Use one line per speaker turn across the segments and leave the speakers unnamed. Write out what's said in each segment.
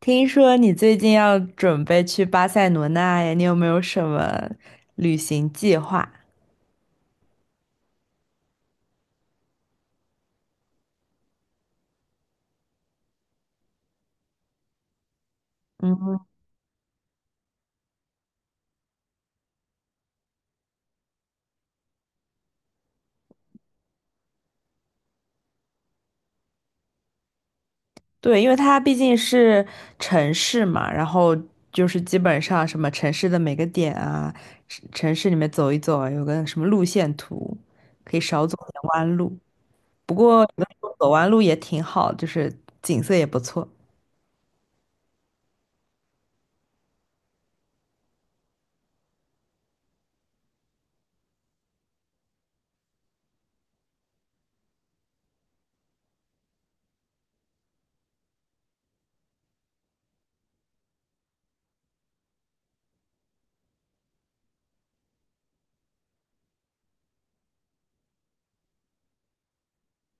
听说你最近要准备去巴塞罗那呀，你有没有什么旅行计划？嗯，对，因为它毕竟是城市嘛，然后就是基本上什么城市的每个点啊，城市里面走一走啊，有个什么路线图，可以少走点弯路。不过有的时候走弯路也挺好，就是景色也不错。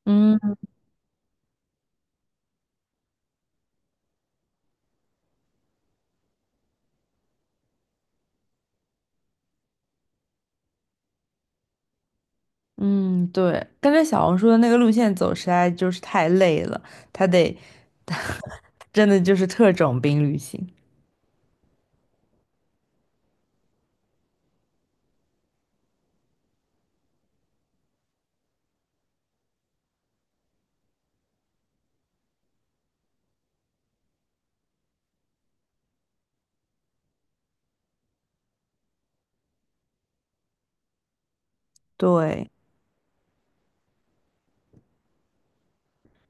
嗯。嗯，对，跟着小红书的那个路线走实在就是太累了，他得，真的就是特种兵旅行。对，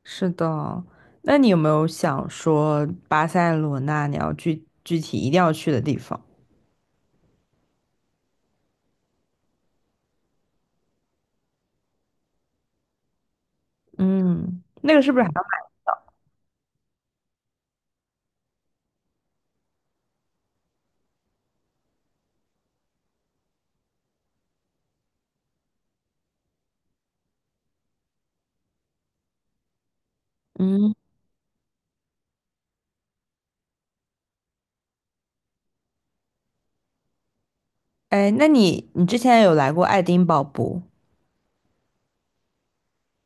是的。那你有没有想说巴塞罗那你要具体一定要去的地方？嗯，那个是不是还要？嗯，哎，那你之前有来过爱丁堡不？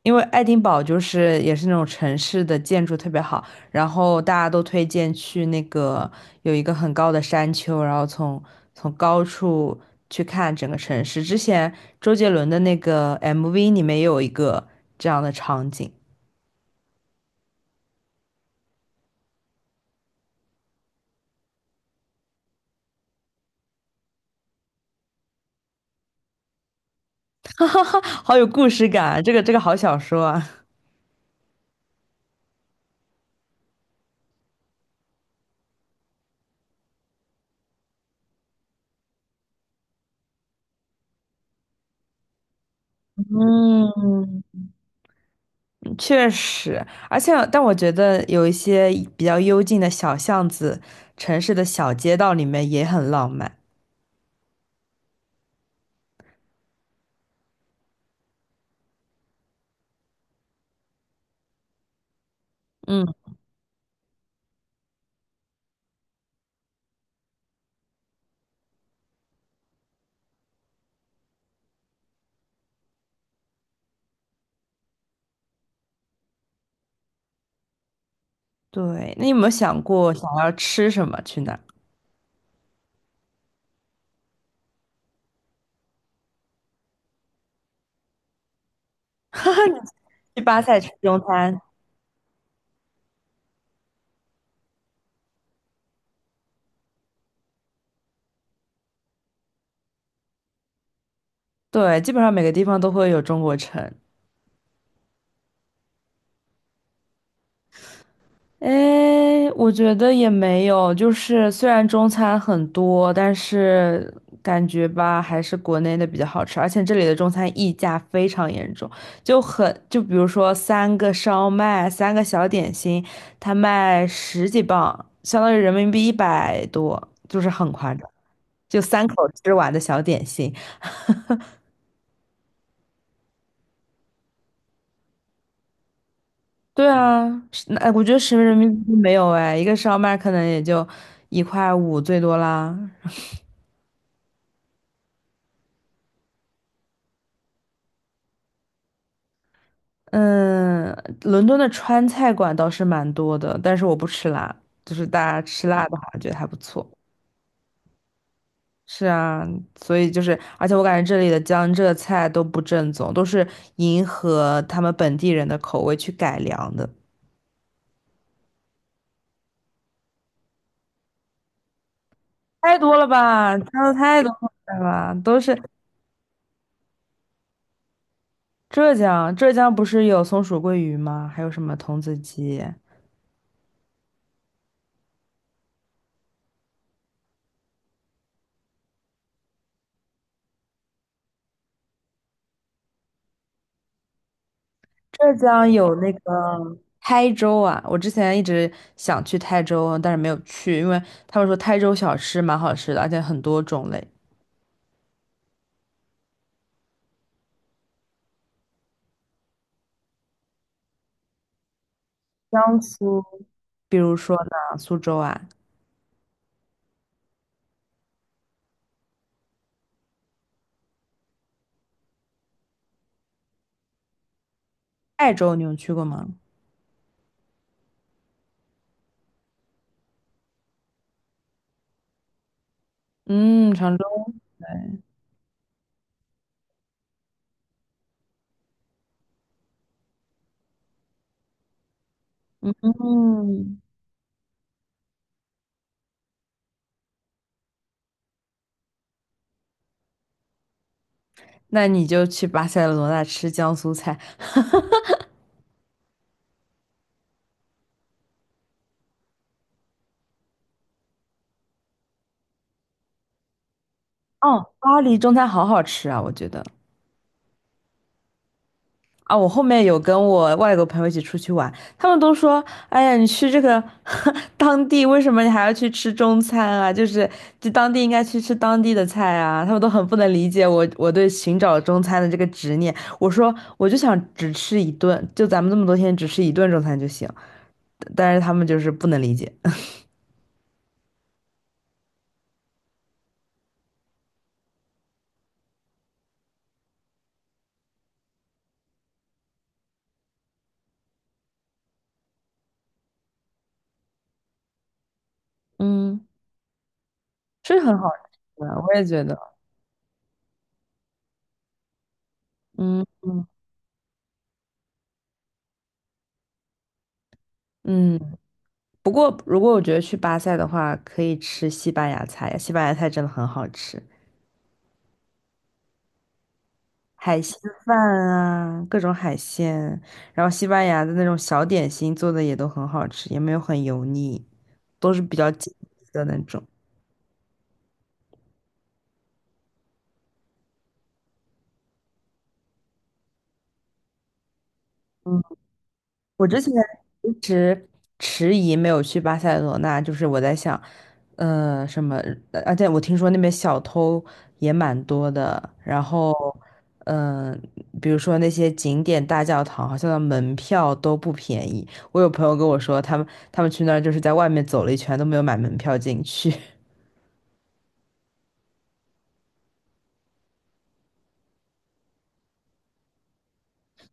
因为爱丁堡就是也是那种城市的建筑特别好，然后大家都推荐去那个有一个很高的山丘，然后从高处去看整个城市。之前周杰伦的那个 MV 里面也有一个这样的场景，好有故事感啊，这个好小说啊。嗯，确实，而且但我觉得有一些比较幽静的小巷子、城市的小街道里面也很浪漫。嗯。对，那你有没有想过想要吃什么？去哪儿？去巴塞吃中餐？对，基本上每个地方都会有中国城。诶，我觉得也没有，就是虽然中餐很多，但是感觉吧，还是国内的比较好吃，而且这里的中餐溢价非常严重，就很，就比如说三个烧麦，三个小点心，它卖十几磅，相当于人民币一百多，就是很夸张，就三口吃完的小点心。对啊，是那我觉得十人民币都没有哎，一个烧麦可能也就一块五最多啦。嗯，伦敦的川菜馆倒是蛮多的，但是我不吃辣，就是大家吃辣的话，觉得还不错。是啊，所以就是，而且我感觉这里的江浙菜都不正宗，都是迎合他们本地人的口味去改良的，太多了吧？加的太多了吧？都是浙江，浙江不是有松鼠桂鱼吗？还有什么童子鸡？浙江有那个台州啊，我之前一直想去台州，但是没有去，因为他们说台州小吃蛮好吃的，而且很多种类。江苏，比如说呢，苏州啊，泰州你有去过吗？嗯，常州。对，嗯，那你就去巴塞罗那吃江苏菜。哦，巴黎中餐好好吃啊，我觉得。啊，我后面有跟我外国朋友一起出去玩，他们都说，哎呀，你去这个 当地，为什么你还要去吃中餐啊？就是就当地应该去吃当地的菜啊，他们都很不能理解我对寻找中餐的这个执念。我说我就想只吃一顿，就咱们这么多天只吃一顿中餐就行，但是他们就是不能理解。嗯，是很好吃的，我也觉得，嗯嗯。不过如果我觉得去巴塞的话，可以吃西班牙菜，西班牙菜真的很好吃。海鲜饭啊，各种海鲜，然后西班牙的那种小点心做的也都很好吃，也没有很油腻，都是比较紧致的那种。嗯，我之前迟疑没有去巴塞罗那，就是我在想，什么，而且我听说那边小偷也蛮多的，然后，嗯、比如说那些景点大教堂，好像的门票都不便宜。我有朋友跟我说，他们去那儿就是在外面走了一圈都没有买门票进去。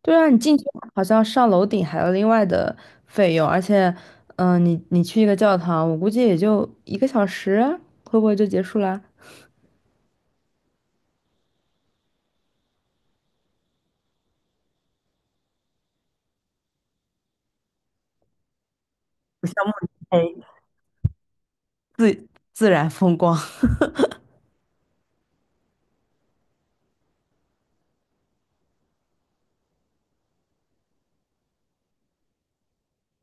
对啊，你进去好像上楼顶还有另外的费用，而且，嗯、你去一个教堂，我估计也就一个小时啊会不会就结束啦？不像慕尼黑自然风光。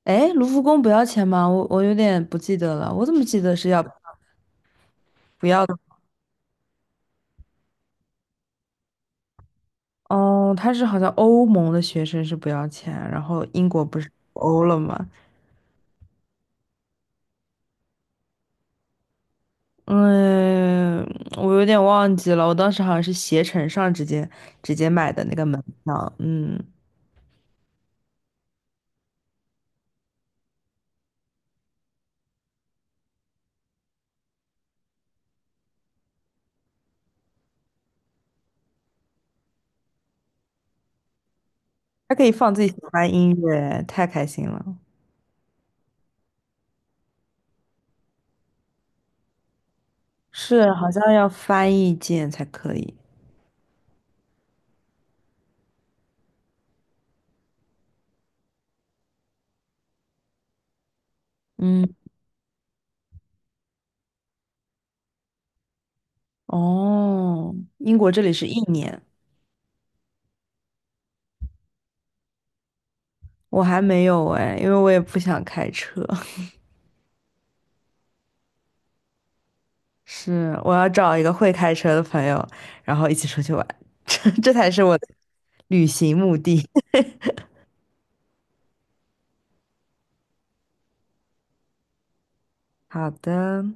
哎，卢浮宫不要钱吗？我有点不记得了，我怎么记得是要？不要的哦，他是好像欧盟的学生是不要钱，然后英国不是脱欧了吗？嗯，我有点忘记了，我当时好像是携程上直接买的那个门票，嗯。还可以放自己喜欢的音乐，太开心了。是，好像要翻译键才可以。嗯，哦，英国这里是一年，我还没有哎，因为我也不想开车。是，我要找一个会开车的朋友，然后一起出去玩，这才是我的旅行目的。好的。